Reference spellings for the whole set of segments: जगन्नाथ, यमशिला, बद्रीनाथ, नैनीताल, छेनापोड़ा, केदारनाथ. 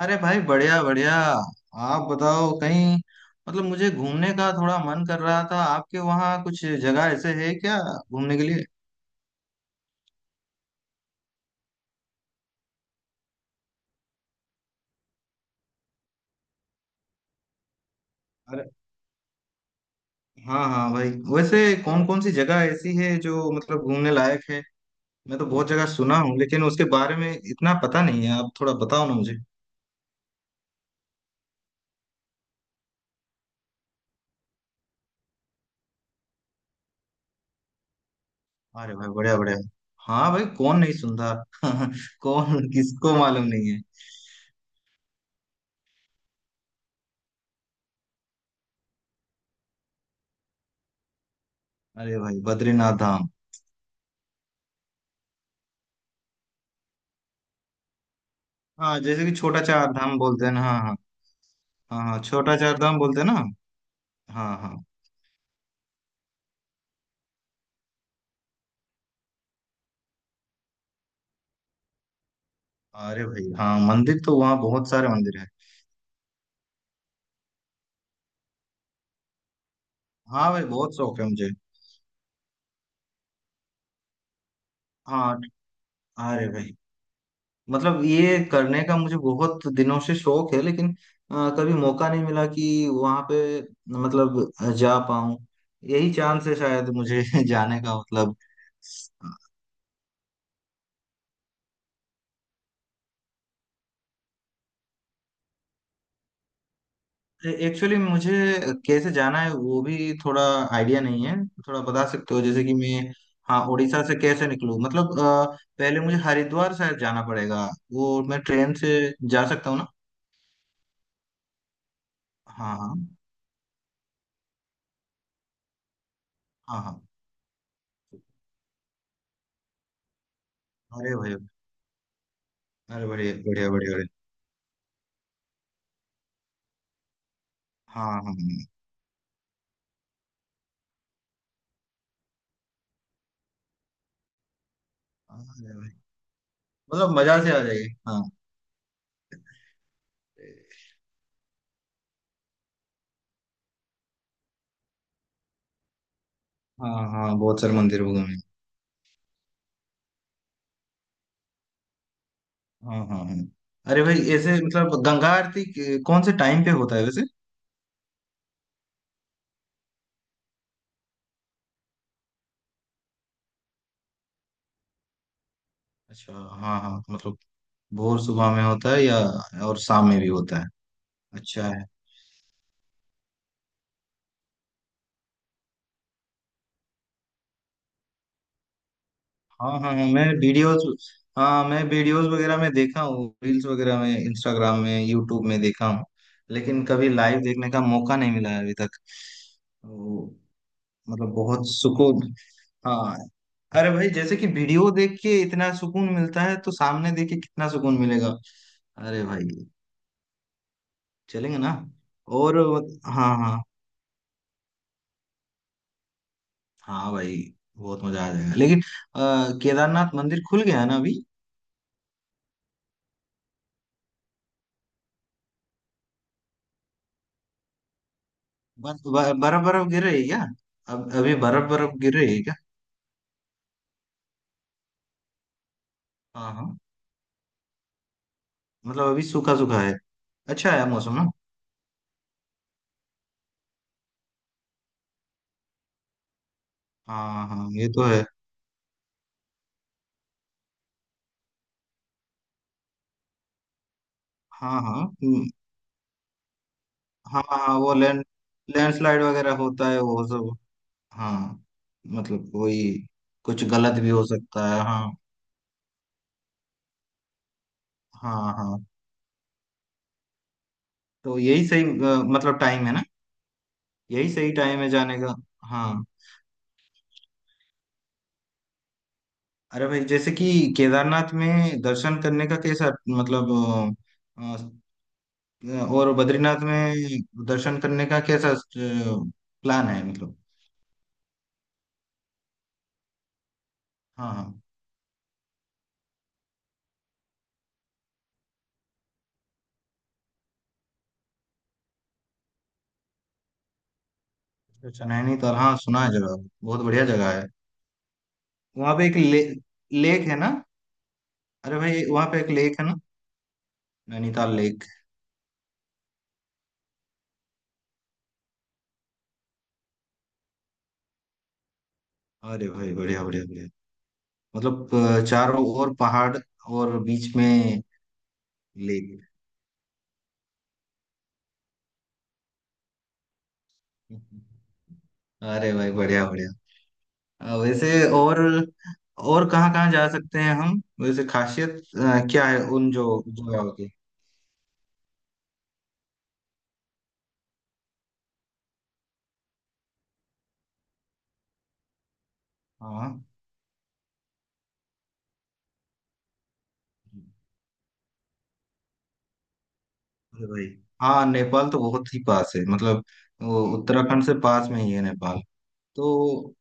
अरे भाई बढ़िया बढ़िया। आप बताओ कहीं। मतलब मुझे घूमने का थोड़ा मन कर रहा था आपके वहाँ कुछ जगह ऐसे है क्या घूमने के लिए। अरे हाँ हाँ भाई। वैसे कौन कौन सी जगह ऐसी है जो मतलब घूमने लायक है। मैं तो बहुत जगह सुना हूँ लेकिन उसके बारे में इतना पता नहीं है आप थोड़ा बताओ ना मुझे। अरे भाई बढ़िया बढ़िया। हाँ भाई कौन नहीं सुनता। कौन किसको मालूम नहीं है। अरे भाई बद्रीनाथ धाम। हाँ जैसे कि छोटा चार धाम बोलते हैं ना हाँ हाँ। हाँ हाँ छोटा चार धाम बोलते हैं ना। हाँ हाँ। अरे भाई हाँ मंदिर तो वहाँ बहुत सारे मंदिर है। हाँ भाई बहुत शौक है मुझे। हाँ अरे भाई मतलब ये करने का मुझे बहुत दिनों से शौक है लेकिन कभी मौका नहीं मिला कि वहाँ पे मतलब जा पाऊँ। यही चांस है शायद मुझे जाने का मतलब। एक्चुअली मुझे कैसे जाना है वो भी थोड़ा आइडिया नहीं है। थोड़ा बता सकते हो जैसे कि मैं हाँ उड़ीसा से कैसे निकलूँ मतलब पहले मुझे हरिद्वार शायद जाना पड़ेगा। वो मैं ट्रेन से जा सकता हूँ ना। हाँ हाँ हाँ हाँ अरे भाई। अरे बढ़िया बढ़िया बढ़िया बढ़िया। हाँ हाँ हाँ अरे भाई मतलब मजा से आ जाएगी हाँ। हाँ हाँ बहुत सारे मंदिर हो गए हैं। हाँ हाँ हाँ अरे भाई ऐसे मतलब गंगा आरती कौन से टाइम पे होता है वैसे। अच्छा हाँ हाँ मतलब भोर सुबह में होता है या और शाम में भी होता है। अच्छा है। हाँ हाँ हाँ मैं वीडियोस वगैरह में देखा हूँ रील्स वगैरह में इंस्टाग्राम में यूट्यूब में देखा हूँ। लेकिन कभी लाइव देखने का मौका नहीं मिला है अभी तक। तो, मतलब बहुत सुकून हाँ। अरे भाई जैसे कि वीडियो देख के इतना सुकून मिलता है तो सामने देख के कितना सुकून मिलेगा। अरे भाई चलेंगे ना और हाँ हाँ हाँ भाई बहुत मजा आ जाएगा लेकिन अ, केदारनाथ मंदिर खुल गया है ना अभी। बर्फ बर्फ गिर रही है क्या। अब अभी बर्फ बर्फ गिर रही है क्या। हाँ हाँ मतलब अभी सूखा सूखा है। अच्छा है मौसम ना। हाँ हाँ ये तो है। हाँ हाँ हम्म, हाँ हाँ वो लैंडस्लाइड वगैरह होता है वो सब। हाँ मतलब कोई कुछ गलत भी हो सकता है हाँ। हाँ हाँ तो यही सही मतलब टाइम है ना। यही सही टाइम है जाने का। हाँ अरे भाई जैसे कि केदारनाथ में दर्शन करने का कैसा मतलब अ, और बद्रीनाथ में दर्शन करने का कैसा प्लान है मतलब। हाँ हाँ अच्छा नैनीताल हाँ सुना है जगह बहुत बढ़िया जगह है। वहाँ पे एक लेक है ना। अरे भाई वहाँ पे एक लेक है ना नैनीताल लेक। अरे भाई बढ़िया बढ़िया बढ़िया मतलब चारों ओर पहाड़ और बीच में लेक। अरे भाई बढ़िया बढ़िया वैसे और और कहाँ कहाँ जा सकते हैं हम वैसे खासियत क्या है उन जो जगहों की। हाँ अरे भाई हाँ नेपाल तो बहुत ही पास है मतलब वो उत्तराखंड से पास में ही है नेपाल। तो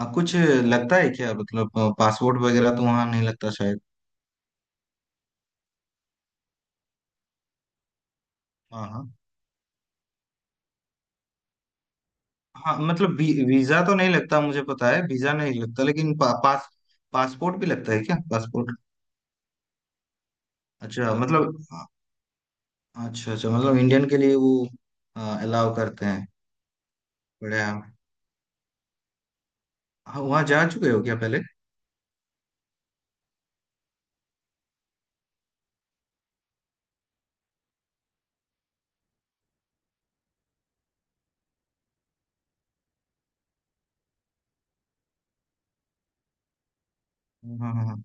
कुछ लगता है क्या मतलब पासपोर्ट वगैरह तो वहाँ नहीं लगता शायद। हाँ हाँ हाँ मतलब वीजा तो नहीं लगता मुझे पता है वीजा नहीं लगता लेकिन पा, पास पासपोर्ट भी लगता है क्या पासपोर्ट। अच्छा मतलब अच्छा अच्छा मतलब इंडियन के लिए वो अलाउ करते हैं। बढ़िया हाँ, वहाँ जा चुके हो क्या पहले। हाँ हाँ हाँ।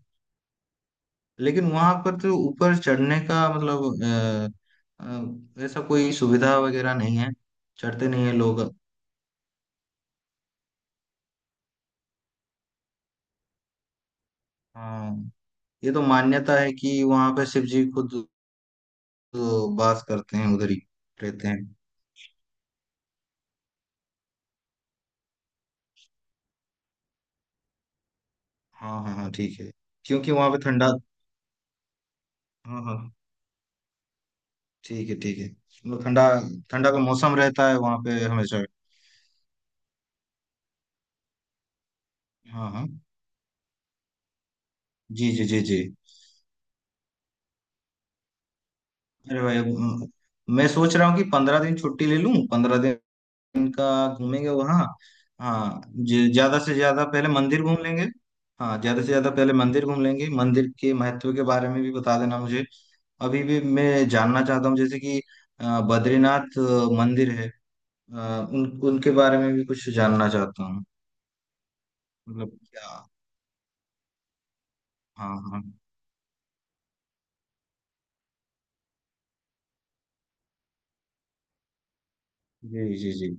लेकिन वहां पर तो ऊपर चढ़ने का मतलब ऐसा कोई सुविधा वगैरह नहीं है। चढ़ते नहीं है लोग। हाँ ये तो मान्यता है कि वहां पे शिव जी खुद तो वास करते हैं उधर ही रहते हैं। हाँ हाँ हाँ ठीक है क्योंकि वहां पे ठंडा। हाँ हाँ ठीक है मतलब ठंडा ठंडा का मौसम रहता है वहां पे हमेशा। हाँ हाँ जी जी जी जी। अरे भाई मैं सोच रहा हूँ कि 15 दिन छुट्टी ले लूँ 15 दिन का घूमेंगे वहाँ। हाँ ज्यादा से ज्यादा पहले मंदिर घूम लेंगे। हाँ ज्यादा से ज्यादा पहले मंदिर घूम लेंगे मंदिर के महत्व के बारे में भी बता देना मुझे। अभी भी मैं जानना चाहता हूँ जैसे कि बद्रीनाथ मंदिर है अ, उन उनके बारे में भी कुछ जानना चाहता हूँ मतलब क्या। हाँ हाँ जी जी जी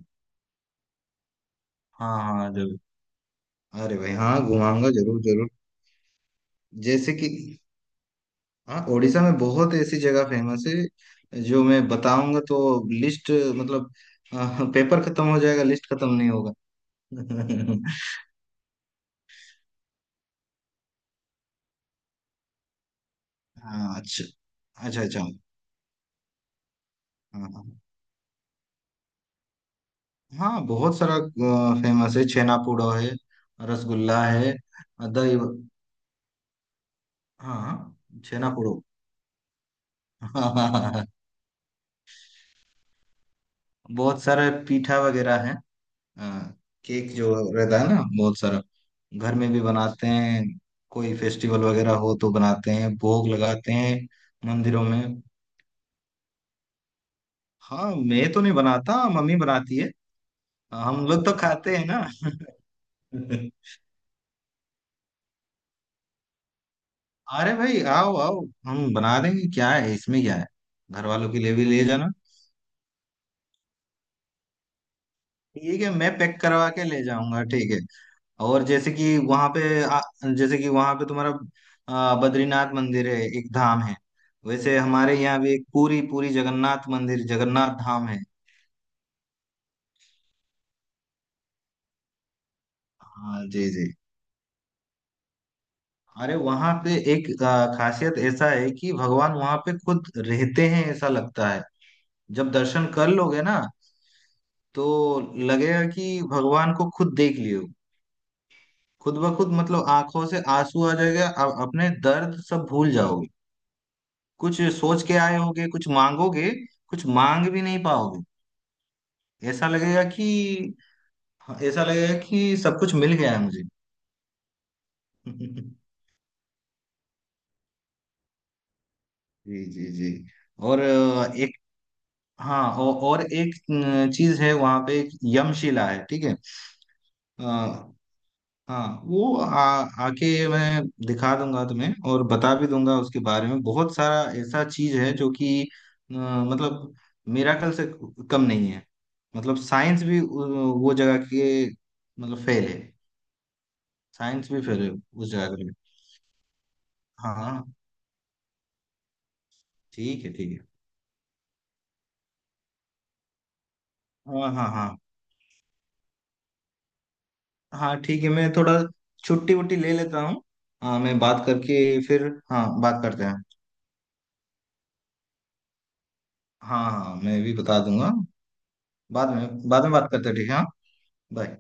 हाँ हाँ जरूर अरे भाई हाँ घुमाऊंगा जरूर जरूर। जैसे कि हाँ उड़ीसा में बहुत ऐसी जगह फेमस है जो मैं बताऊंगा तो लिस्ट मतलब पेपर खत्म हो जाएगा लिस्ट खत्म नहीं होगा। हाँ अच्छा अच्छा अच्छा हाँ हाँ हाँ, बहुत सारा फेमस है छेनापोड़ा है रसगुल्ला है दही हाँ छेनापोड़ो। बहुत सारे पीठा वगैरह है हाँ केक जो रहता है ना बहुत सारा घर में भी बनाते हैं कोई फेस्टिवल वगैरह हो तो बनाते हैं भोग लगाते हैं मंदिरों में। हाँ मैं तो नहीं बनाता मम्मी बनाती है हम लोग तो खाते हैं ना। अरे भाई आओ आओ हम बना देंगे क्या है इसमें क्या है घर वालों के लिए भी ले जाना। ठीक है मैं पैक करवा के ले जाऊंगा ठीक है। और जैसे कि वहां पे जैसे कि वहां पे तुम्हारा बद्रीनाथ मंदिर है एक धाम है। वैसे हमारे यहाँ भी एक पूरी पूरी जगन्नाथ मंदिर जगन्नाथ धाम है। हाँ जी जी। अरे वहां पे एक खासियत ऐसा है कि भगवान वहां पे खुद रहते हैं ऐसा लगता है। जब दर्शन कर लोगे ना तो लगेगा कि भगवान को खुद देख लियो। खुद ब खुद मतलब आंखों से आंसू आ जाएगा आप अपने दर्द सब भूल जाओगे। कुछ सोच के आए होगे कुछ मांगोगे कुछ मांग भी नहीं पाओगे। ऐसा लगेगा कि हाँ, ऐसा लगेगा कि सब कुछ मिल गया है मुझे। जी जी जी। और एक हाँ और एक चीज है वहां पे एक यमशिला है ठीक है। अ, हाँ वो आके मैं दिखा दूंगा तुम्हें और बता भी दूंगा उसके बारे में बहुत सारा ऐसा चीज है जो कि मतलब मिराकल से कम नहीं है मतलब साइंस भी वो जगह के मतलब फेल है। साइंस भी फेल है उस जगह के लिए। हाँ हाँ, ठीक है हाँ हाँ हाँ हाँ ठीक है मैं थोड़ा छुट्टी वुट्टी ले लेता हूँ। हाँ मैं बात करके फिर हाँ बात करते हैं। हाँ हाँ मैं भी बता दूंगा। बाद में बात करते हैं ठीक है हाँ बाय।